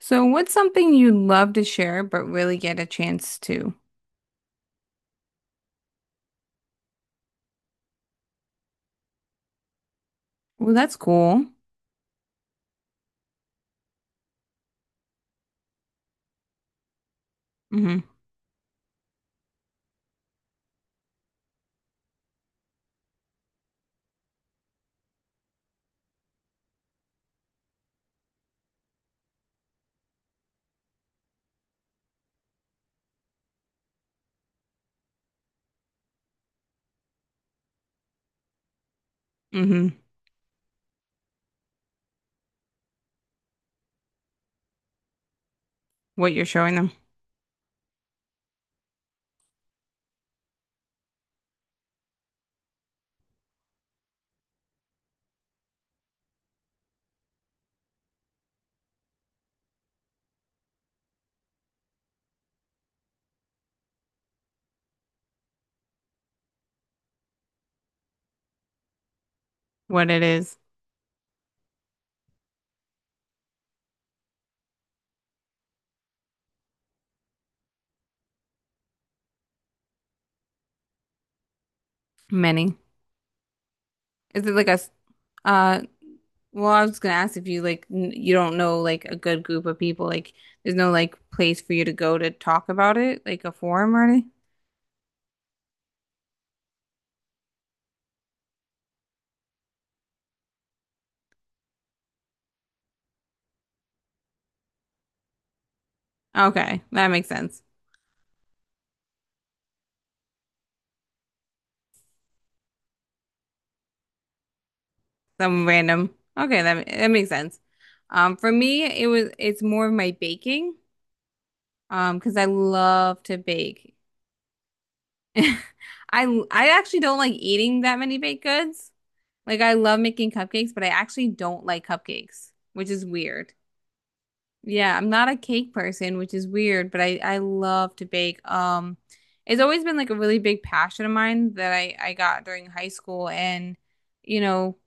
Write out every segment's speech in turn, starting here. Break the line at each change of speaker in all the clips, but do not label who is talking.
So, what's something you'd love to share but really get a chance to? Well, that's cool. Mhm. Mhm. What you're showing them, what it is. Many. Is it like a s- uh well, I was gonna ask if you like n you don't know like a good group of people, like there's no like place for you to go to talk about it, like a forum or anything? Okay, that makes sense. Some random. Okay, that makes sense. For me, it's more of my baking, because I love to bake. I actually don't like eating that many baked goods. Like I love making cupcakes, but I actually don't like cupcakes, which is weird. Yeah, I'm not a cake person, which is weird, but I love to bake. It's always been like a really big passion of mine that I got during high school, and you know,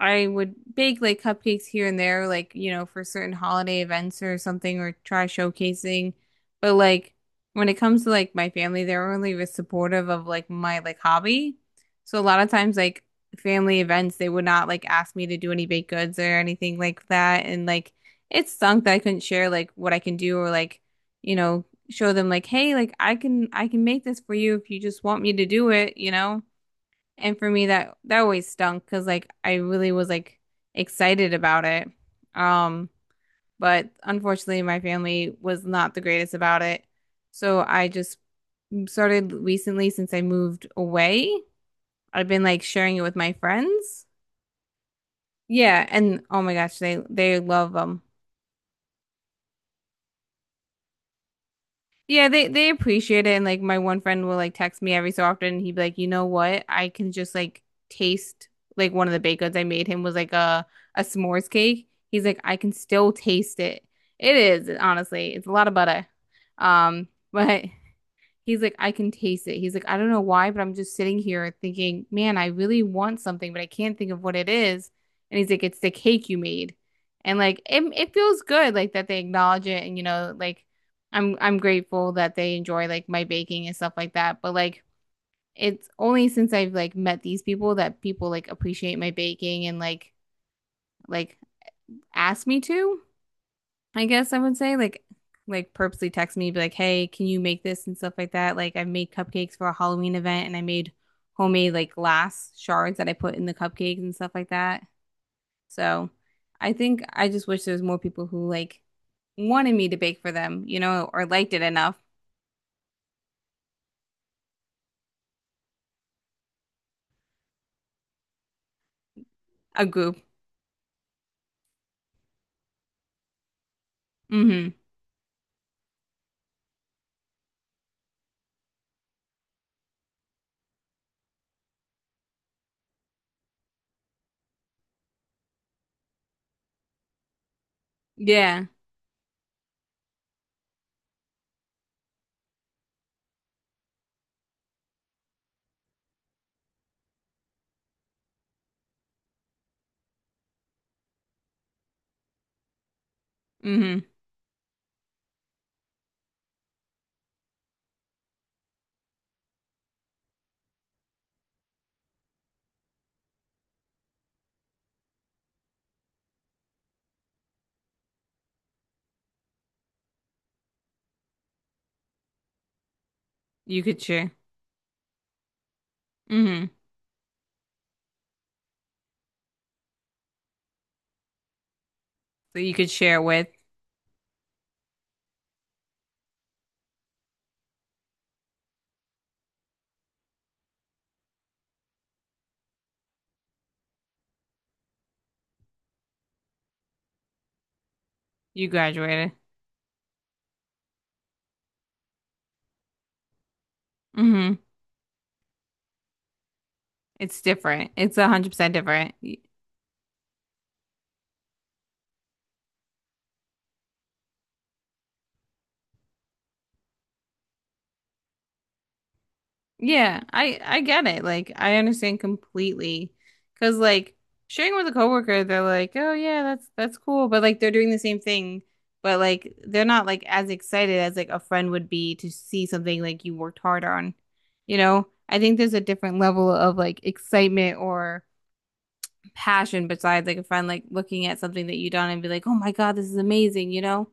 I would bake like cupcakes here and there, like you know, for certain holiday events or something, or try showcasing. But like when it comes to like my family, they're really supportive of like my like hobby. So a lot of times, like family events, they would not like ask me to do any baked goods or anything like that, and like it stunk that I couldn't share like what I can do or like, you know, show them like, hey, like I can make this for you if you just want me to do it, you know? And for me that always stunk because like I really was like excited about it. Um, but unfortunately my family was not the greatest about it. So I just started recently since I moved away. I've been like sharing it with my friends. Yeah, and oh my gosh, they love them. Yeah, they appreciate it and like my one friend will like text me every so often and he'd be like, "You know what? I can just like taste like one of the baked goods I made him was like a s'mores cake." He's like, "I can still taste it." It is, honestly. It's a lot of butter. But he's like, I can taste it. He's like, I don't know why, but I'm just sitting here thinking, man, I really want something, but I can't think of what it is. And he's like, it's the cake you made. And like it feels good like that they acknowledge it and you know, like I'm grateful that they enjoy like my baking and stuff like that. But like it's only since I've like met these people that people like appreciate my baking and like ask me to. I guess I would say like purposely text me be like, "Hey, can you make this and stuff like that?" Like I made cupcakes for a Halloween event and I made homemade like glass shards that I put in the cupcakes and stuff like that. So, I think I just wish there was more people who like wanted me to bake for them, you know, or liked it enough. A group. Mm-hmm. Yeah. Mm-hmm. You could share. Mm-hmm. So you could share with you graduated. Mm-hmm. It's different. It's 100% different. Yeah, I get it. Like I understand completely. 'Cause like sharing with a coworker, they're like, "Oh yeah, that's cool." But like they're doing the same thing, but like they're not like as excited as like a friend would be to see something like you worked hard on. You know? I think there's a different level of like excitement or passion besides like a friend like looking at something that you done and be like, "Oh my God, this is amazing," you know?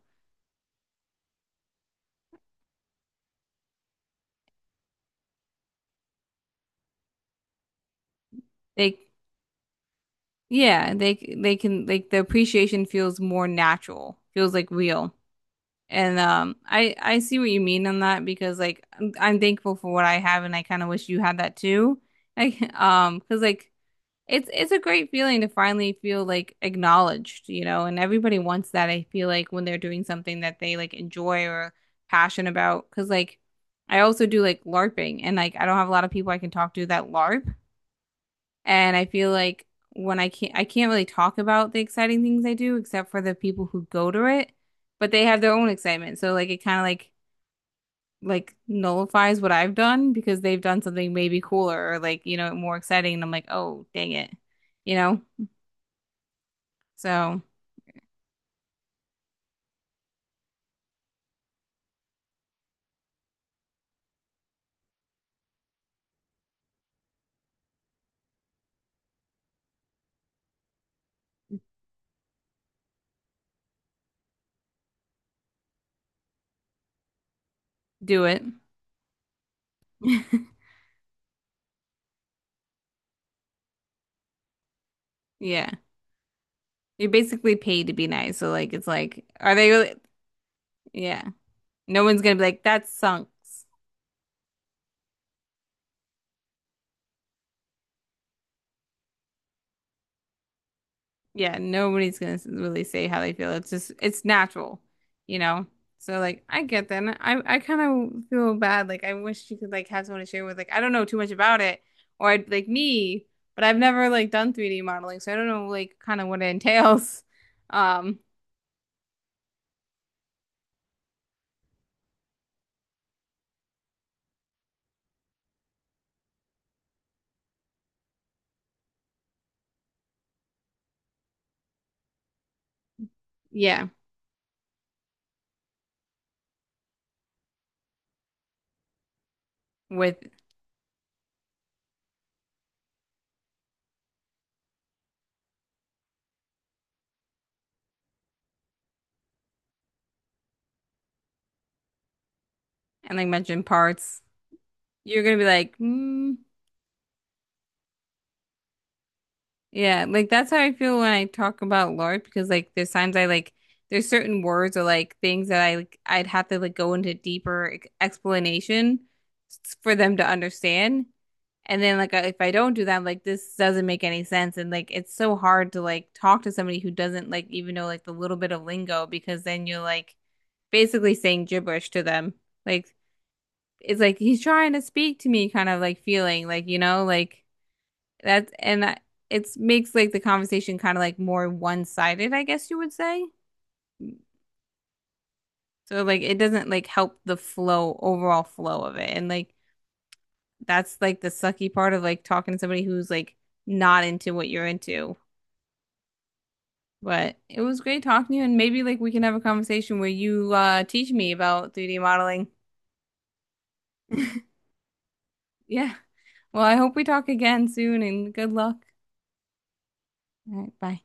Like yeah, they can like the appreciation feels more natural, feels like real. And I see what you mean on that because like I'm thankful for what I have, and I kind of wish you had that too. Like because like it's a great feeling to finally feel like acknowledged, you know. And everybody wants that. I feel like when they're doing something that they like enjoy or passionate about, because like I also do like LARPing, and like I don't have a lot of people I can talk to that LARP. And I feel like when I can't really talk about the exciting things I do except for the people who go to it, but they have their own excitement. So like it kind of like nullifies what I've done because they've done something maybe cooler or like, you know, more exciting. And I'm like, oh, dang it, you know? So do it. Yeah. You're basically paid to be nice. So like it's like are they really yeah. No one's gonna be like, that sucks. Yeah, nobody's gonna really say how they feel. It's just it's natural, you know? So like I get that. And I kind of feel bad. Like I wish you could like have someone to share with. Like I don't know too much about it or I'd like me, but I've never like done 3D modeling, so I don't know like kind of what it entails. Um yeah, with and like mentioned parts. You're gonna be like, hmm. Yeah, like that's how I feel when I talk about Lord because like there's times I like there's certain words or like things that I like I'd have to like go into deeper explanation for them to understand. And then like if I don't do that, I'm like this doesn't make any sense and like it's so hard to like talk to somebody who doesn't like even know like the little bit of lingo because then you're like basically saying gibberish to them. Like it's like he's trying to speak to me kind of like feeling like you know like that's and it's makes like the conversation kind of like more one-sided, I guess you would say. So like it doesn't like help the flow, overall flow of it. And like that's like the sucky part of like talking to somebody who's like not into what you're into. But it was great talking to you and maybe like we can have a conversation where you teach me about 3D modeling. Yeah. Well, I hope we talk again soon and good luck. All right, bye.